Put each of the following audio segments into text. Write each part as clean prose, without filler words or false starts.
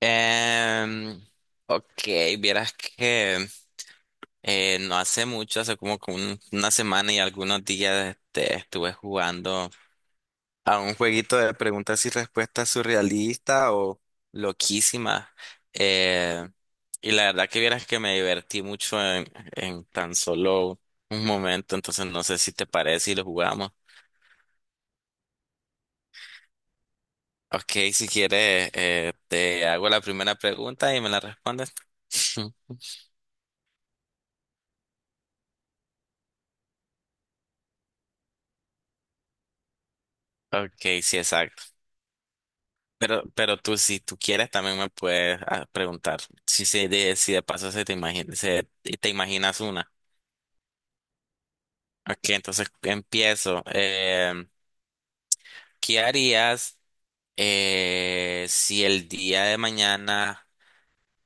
Em, ok, vieras que no hace mucho, hace como que una semana y algunos días estuve jugando a un jueguito de preguntas y respuestas surrealista o loquísima. Eh, y la verdad que vieras que me divertí mucho en tan solo un momento, entonces no sé si te parece y lo jugamos. Ok, si quieres, te hago la primera pregunta y me la respondes. Ok, sí, exacto. Pero tú, si tú quieres, también me puedes preguntar si de paso se te imagina, se, te imaginas una. Ok, entonces empiezo. ¿Qué harías si el día de mañana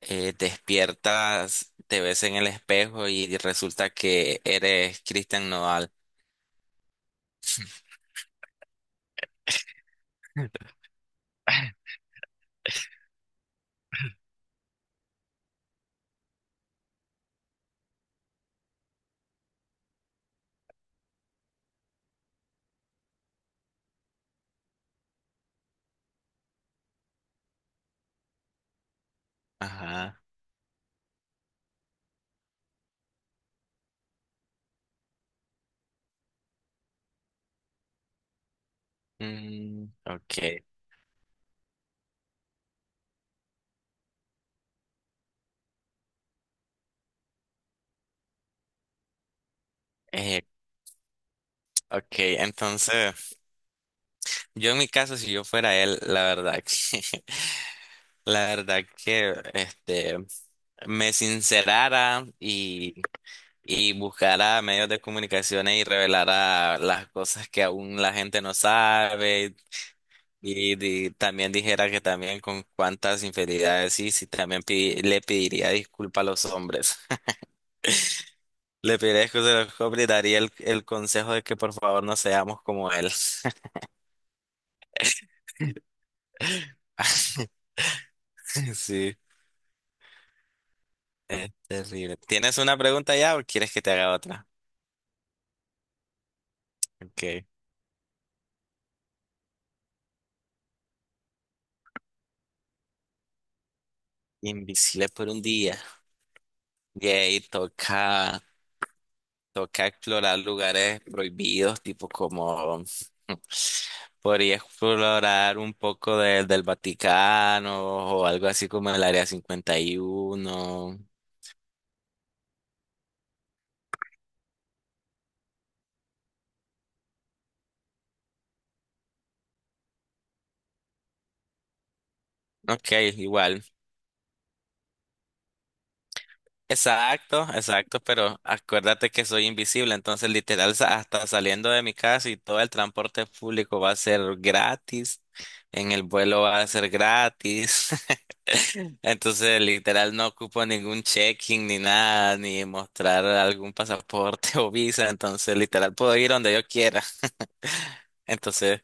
despiertas, te ves en el espejo y resulta que eres Christian Nodal? Ajá. Mm, ok. Eh, ok, entonces. Yo en mi caso, si yo fuera él, la verdad que, la verdad que, este, me sincerara y, buscara medios de comunicaciones y revelara las cosas que aún la gente no sabe y, también dijera que también con cuántas infidelidades sí, sí, también le pediría disculpas a los hombres. Le pediría disculpas a los hombres y daría el consejo de que por favor no seamos como él. Sí. Es terrible. ¿Tienes una pregunta ya o quieres que te haga otra? Ok. Invisible por un día. Yay, toca explorar lugares prohibidos, tipo como podría explorar un poco del Vaticano o algo así como el Área 51. Ok, igual. Exacto, exacto, pero acuérdate que soy invisible, entonces literal hasta saliendo de mi casa y todo el transporte público va a ser gratis, en el vuelo va a ser gratis, entonces literal no ocupo ningún check-in ni nada, ni mostrar algún pasaporte o visa, entonces literal puedo ir donde yo quiera. Entonces,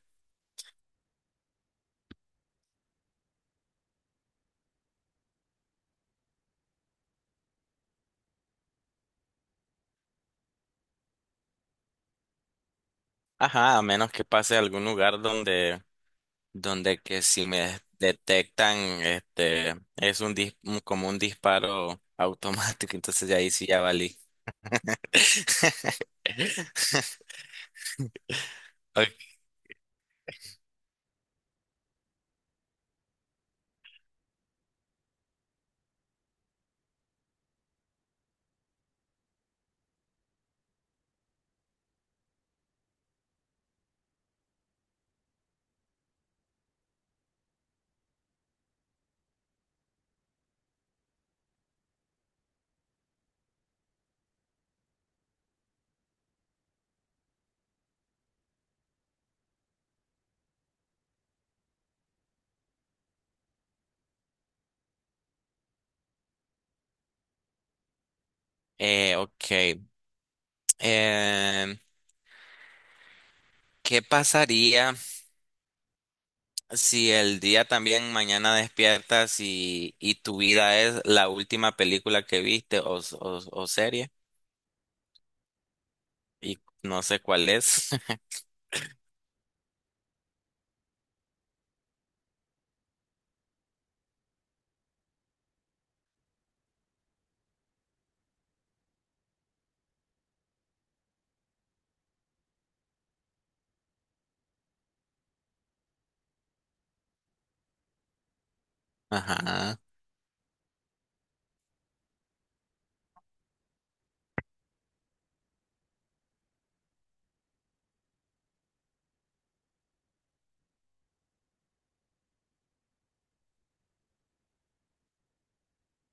ajá, a menos que pase a algún lugar donde que si me detectan, este, es un como un disparo automático, entonces de ahí sí ya valí. Ok, ok, em, ¿qué pasaría si el día también mañana despiertas y tu vida es la última película que viste o serie? Y no sé cuál es. Ajá,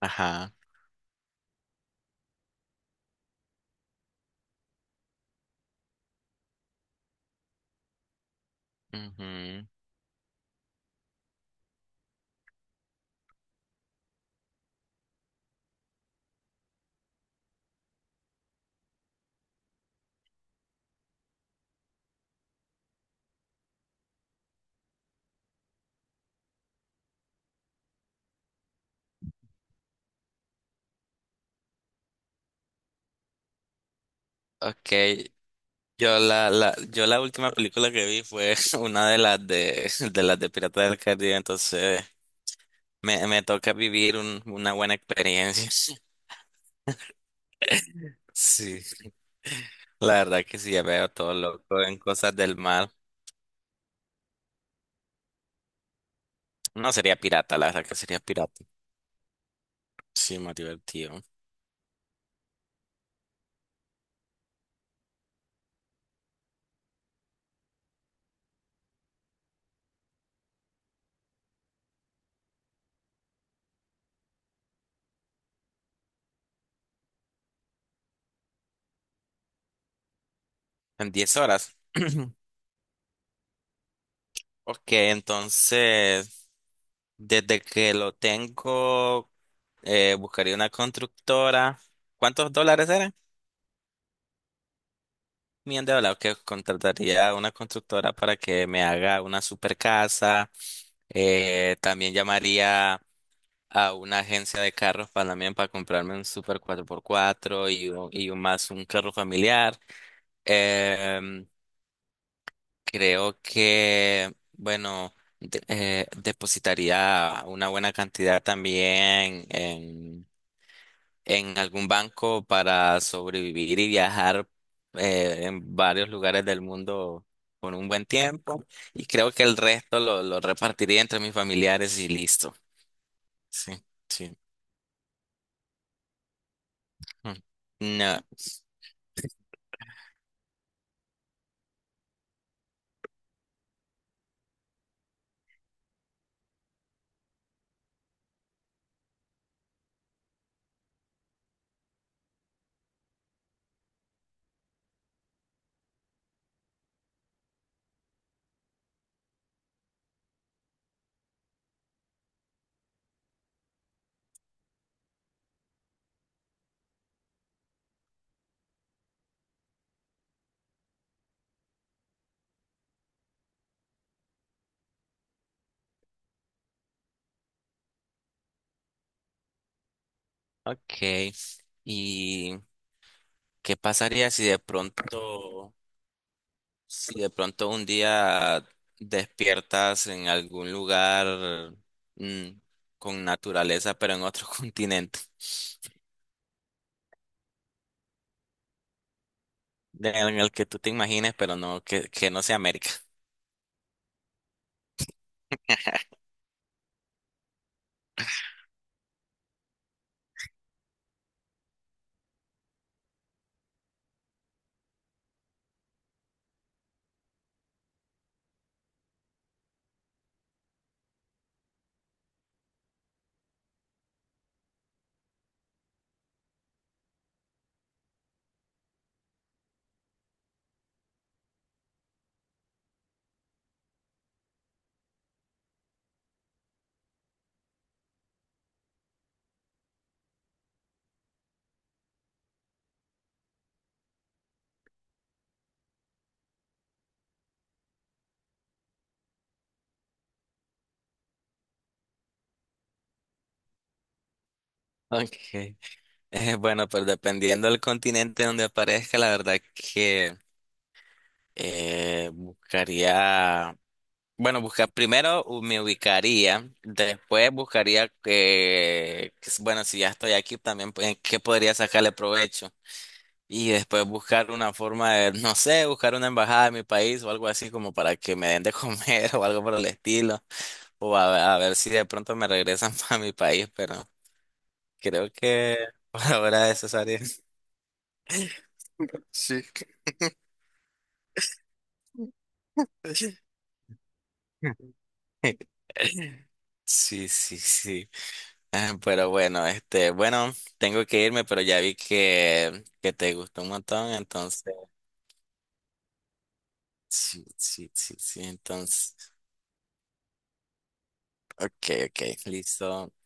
ajá. Ujú. Ok, yo la última película que vi fue una de las de Piratas del Caribe, entonces me toca vivir una buena experiencia. Sí, la verdad que sí, ya veo todo loco en cosas del mar. No sería pirata, la verdad que sería pirata. Sí, más divertido. En 10 horas. Ok, entonces, desde que lo tengo, buscaría una constructora. ¿Cuántos dólares eran? Me han hablado que contrataría a una constructora para que me haga una super casa. También llamaría a una agencia de carros para también para comprarme un super 4x4 y, un más un carro familiar. Em, Creo que, bueno, depositaría una buena cantidad también en algún banco para sobrevivir y viajar en varios lugares del mundo por un buen tiempo. Y creo que el resto lo repartiría entre mis familiares y listo. Sí, sí. Mm. No. Ok. ¿Y qué pasaría si de pronto, un día despiertas en algún lugar mm, con naturaleza, pero en otro continente? En el que tú te imagines, pero no, que no sea América. Okay. Bueno, pues dependiendo del continente donde aparezca, la verdad que buscaría, bueno, buscar primero me ubicaría, después buscaría bueno, si ya estoy aquí también, pues, ¿qué podría sacarle provecho? Y después buscar una forma de, no sé, buscar una embajada de mi país o algo así como para que me den de comer o algo por el estilo, o a ver si de pronto me regresan para mi país, pero... Creo que por ahora es área. Sí. Sí, sí, sí. Ah, pero bueno, este, bueno, tengo que irme, pero ya vi que te gustó un montón, entonces, sí, sí, sí, sí, entonces, ok, ok, listo.